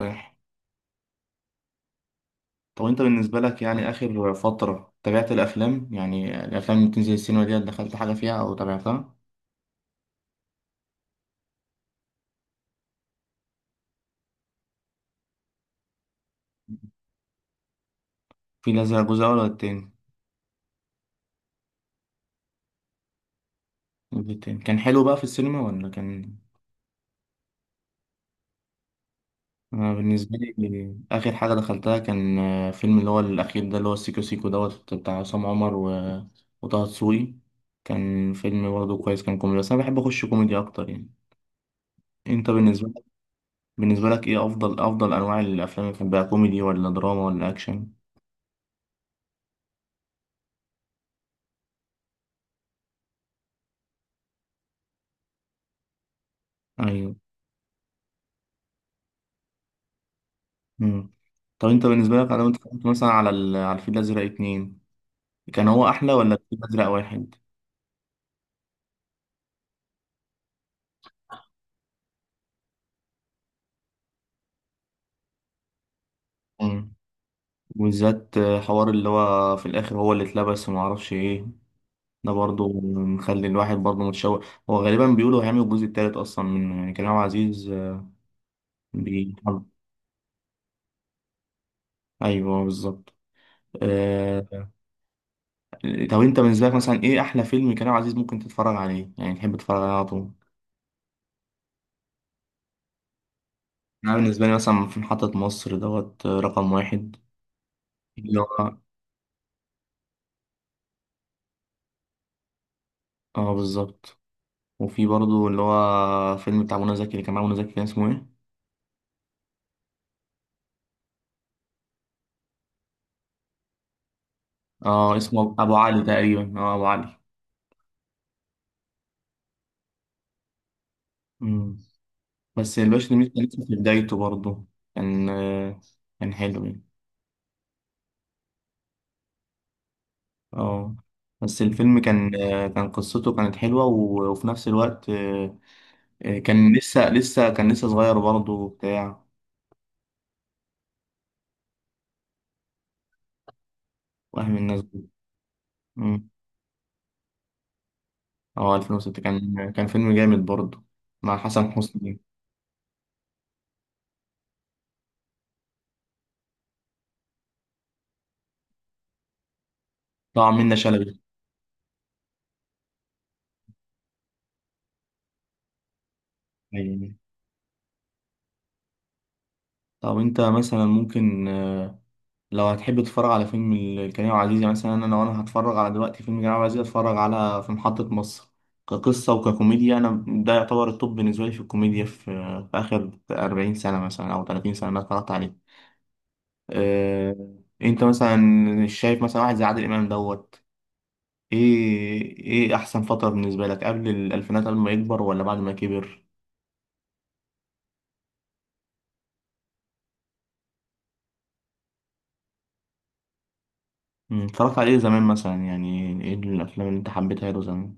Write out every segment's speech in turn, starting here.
رايح. طب انت بالنسبة لك يعني آخر فترة تابعت الأفلام؟ يعني الأفلام اللي بتنزل السينما دي دخلت حاجة فيها أو تابعتها؟ في لازم جزء أول ولا التاني؟ الجزء التاني كان حلو بقى في السينما ولا كان؟ أنا بالنسبة لي آخر حاجة دخلتها كان فيلم اللي هو الأخير ده اللي هو السيكو سيكو دوت بتاع عصام عمر وطه دسوقي. كان فيلم برضه كويس، كان كوميدي، بس أنا بحب أخش كوميدي أكتر يعني. أنت بالنسبة لك، بالنسبة لك إيه أفضل أفضل أنواع الأفلام اللي بتحبها؟ كوميدي ولا دراما ولا أكشن؟ أيوه. مم. طب انت بالنسبه لك لو انت اتفرجت مثلا على الفيل الازرق اتنين، كان هو احلى ولا الفيل الازرق واحد؟ مم. وبالذات حوار اللي هو في الاخر، هو اللي اتلبس وما اعرفش ايه، ده برضو مخلي الواحد برضو متشوق. هو غالبا بيقولوا هيعمل الجزء التالت اصلا منه، يعني كريم عبد العزيز بيحب. ايوه بالظبط. آه... طب انت بالنسبه لك مثلا ايه احلى فيلم كريم عبد العزيز ممكن تتفرج عليه، يعني تحب تتفرج عليه على طول؟ انا بالنسبه لي مثلا في محطه مصر دوت، رقم واحد. اللي هو اه بالظبط. وفي برضه اللي هو فيلم بتاع منى زكي، اللي كان مع منى زكي كان اسمه ايه؟ اه اسمه ابو علي تقريبا، اه ابو علي. مم. بس الباشا تلميذ كان لسه في بدايته برضه. كان كان حلو يعني. اه. بس الفيلم كان كان قصته كانت حلوة وفي نفس الوقت كان لسه كان لسه صغير برضه وبتاع. وهم الناس دي. مم. اه 2006 كان فيلم جامد برضه، مع حسن حسني. طبعا منة شلبي. أيوة. طب انت مثلا ممكن لو هتحب تتفرج على فيلم كريم عبد العزيز، يعني مثلا انا لو انا هتفرج على دلوقتي فيلم كريم عبد العزيز هتفرج على في محطة مصر. كقصة وككوميديا انا ده يعتبر التوب بالنسبة لي في الكوميديا، في اخر 40 سنة مثلا او 30 سنة انا اتفرجت عليه. أه... انت مثلا شايف مثلا واحد زي عادل امام دوت، ايه ايه احسن فترة بالنسبة لك؟ قبل الالفينات، قبل ما يكبر، ولا بعد ما كبر؟ مم، اتفرجت عليه زمان مثلا؟ يعني ايه الافلام اللي انت حبيتها له زمان؟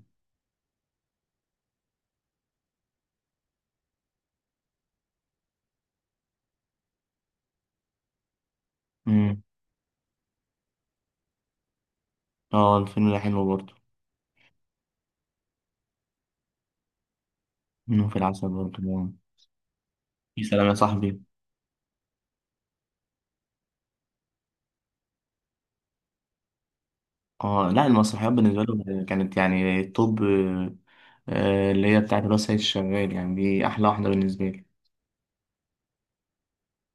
امم. اه الفيلم ده حلو برضه. منهم في العسل برضه. يا سلام يا صاحبي. اه، لا المسرحيات بالنسبه لهم كانت يعني الطب. اللي هي بتاعت الواد سيد الشغال يعني، دي احلى واحده بالنسبه لي.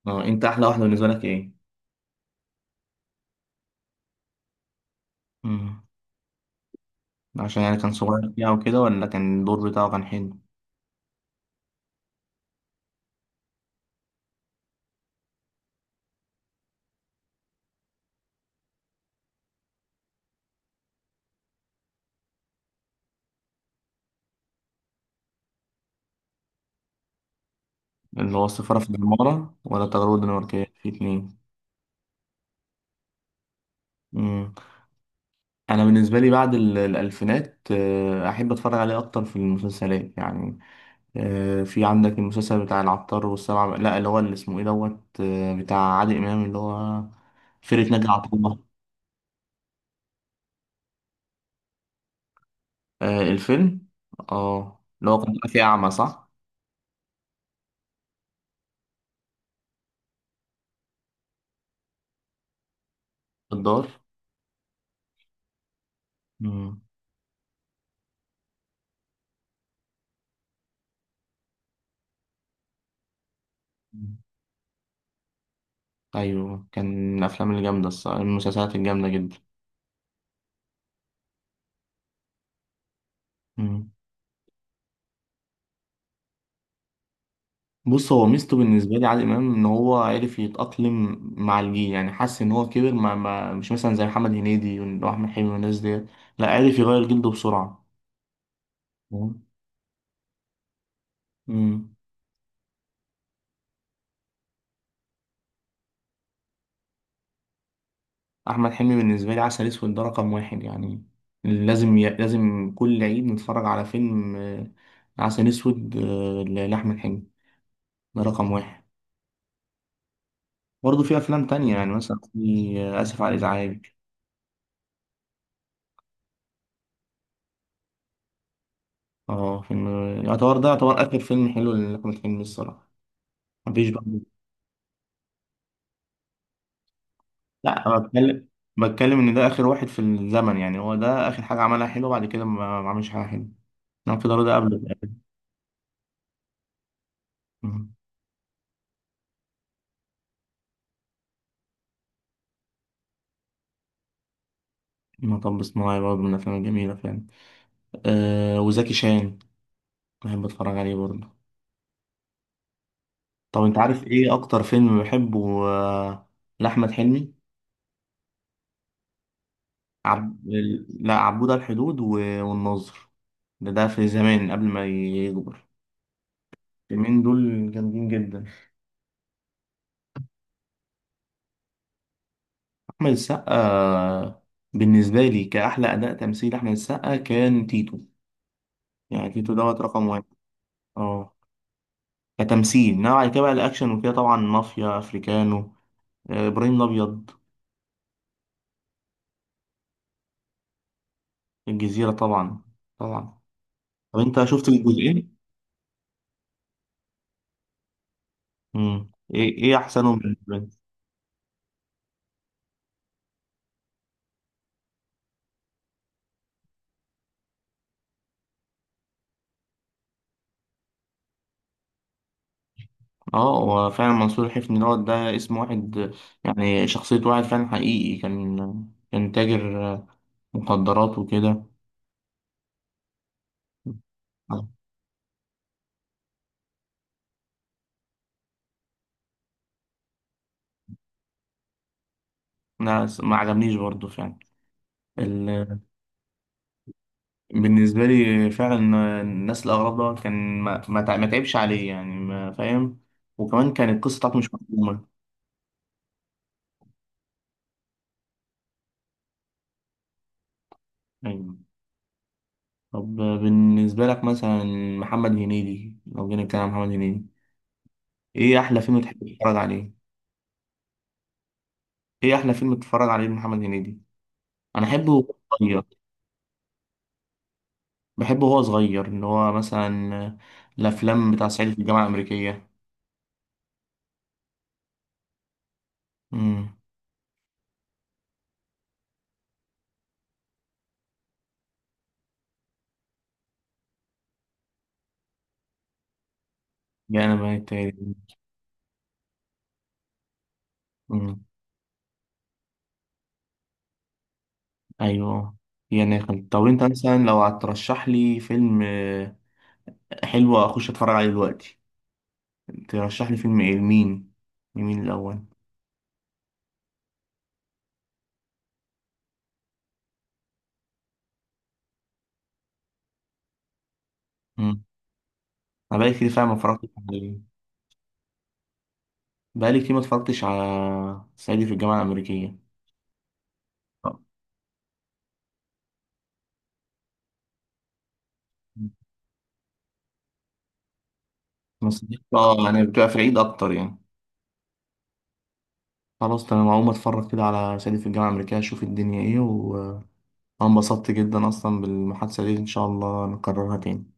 اه انت احلى واحده بالنسبه لك ايه؟ امم. عشان يعني كان صغير فيها وكده، ولا كان الدور بتاعه كان حلو؟ اللي هو السفاره في العماره ولا التجربه الدنماركيه في اتنين؟ امم. انا بالنسبه لي بعد الالفينات احب اتفرج عليه اكتر في المسلسلات يعني. في عندك المسلسل بتاع العطار والسبع، لا اللي هو اللي اسمه ايه دوت، بتاع عادل امام اللي هو فرقة ناجي عطا الله. الفيلم، اه اللي هو كان طالع فيه اعمى صح؟ في الدار. مم. ايوه، كان من الافلام الجامده الصراحه، المسلسلات الجامده جدا. مم. بص، هو ميزته بالنسبه لي عادل امام ان هو عرف يتاقلم مع الجيل، يعني حس ان هو كبر، ما مش مثلا زي محمد هنيدي واحمد حلمي والناس ديت. لا عرف يغير جلده بسرعه. مم. مم. احمد حلمي بالنسبه لي عسل اسود ده رقم واحد يعني. لازم كل عيد نتفرج على فيلم عسل اسود، لاحمد حلمي، ده رقم واحد. برضه في افلام تانية، يعني مثلا في اسف على الازعاج. اه فيلم. يعتبر ده يعتبر اخر فيلم حلو لاحمد حلمي الصراحه، مفيش بقى. لا أنا بتكلم ان ده اخر واحد في الزمن، يعني هو ده اخر حاجه عملها حلو، بعد كده ما عملش حاجه حلوه. نعم في دار ده قبل. مم. مطب صناعي برضه من الافلام الجميله فعلا. آه وزكي شان بحب اتفرج عليه برضه. طب انت عارف ايه اكتر فيلم بحبه لاحمد حلمي؟ عب... لا عبود على الحدود والناظر. ده في زمان قبل ما يكبر. الفيلمين دول جامدين جدا. احمد السقا بالنسبه لي كاحلى اداء تمثيل احمد السقا كان تيتو، يعني تيتو دوت رقم واحد. اه كتمثيل، انما بعد كده بقى الاكشن وكده، طبعا مافيا افريكانو، ابراهيم الابيض. الجزيره طبعا، طبعا. طب انت شفت الجزئين؟ مم. ايه ايه احسنهم بالنسبه لي؟ اه هو فعلا منصور الحفني دوت، ده اسم واحد، يعني شخصيه واحد فعلا حقيقي كان، كان تاجر مخدرات وكده. لا ما عجبنيش برضه فعلا. ال... بالنسبه لي فعلا الناس الاغراب دوت كان، ما تعبش عليه يعني، ما فاهم. وكمان كانت القصه بتاعته مش مفهومه. ايوه. طب بالنسبه لك مثلا محمد هنيدي، لو جينا نتكلم عن محمد هنيدي، ايه احلى فيلم تحب تتفرج عليه؟ ايه احلى فيلم بتتفرج عليه لمحمد هنيدي؟ انا احبه وهو صغير. بحبه وهو صغير، ان هو مثلا الافلام بتاع صعيدي في الجامعه الامريكيه. امم. يا انا بقيت. امم. ايوه. يا ناخل. طب انت مثلا لو هترشح لي فيلم حلو اخش اتفرج عليه دلوقتي، ترشح لي فيلم ايه لمين؟ لمين الاول؟ امم. انا بقالي كتير فعلا ما اتفرجتش عليه. بقالي كتير ما اتفرجتش على صعيدي في الجامعه الامريكيه. آه. اه يعني بتبقى في العيد اكتر يعني. خلاص تمام، هقوم اتفرج كده على صعيدي في الجامعة الأمريكية اشوف الدنيا ايه. وانا انبسطت جدا اصلا بالمحادثة دي، ان شاء الله نكررها تاني.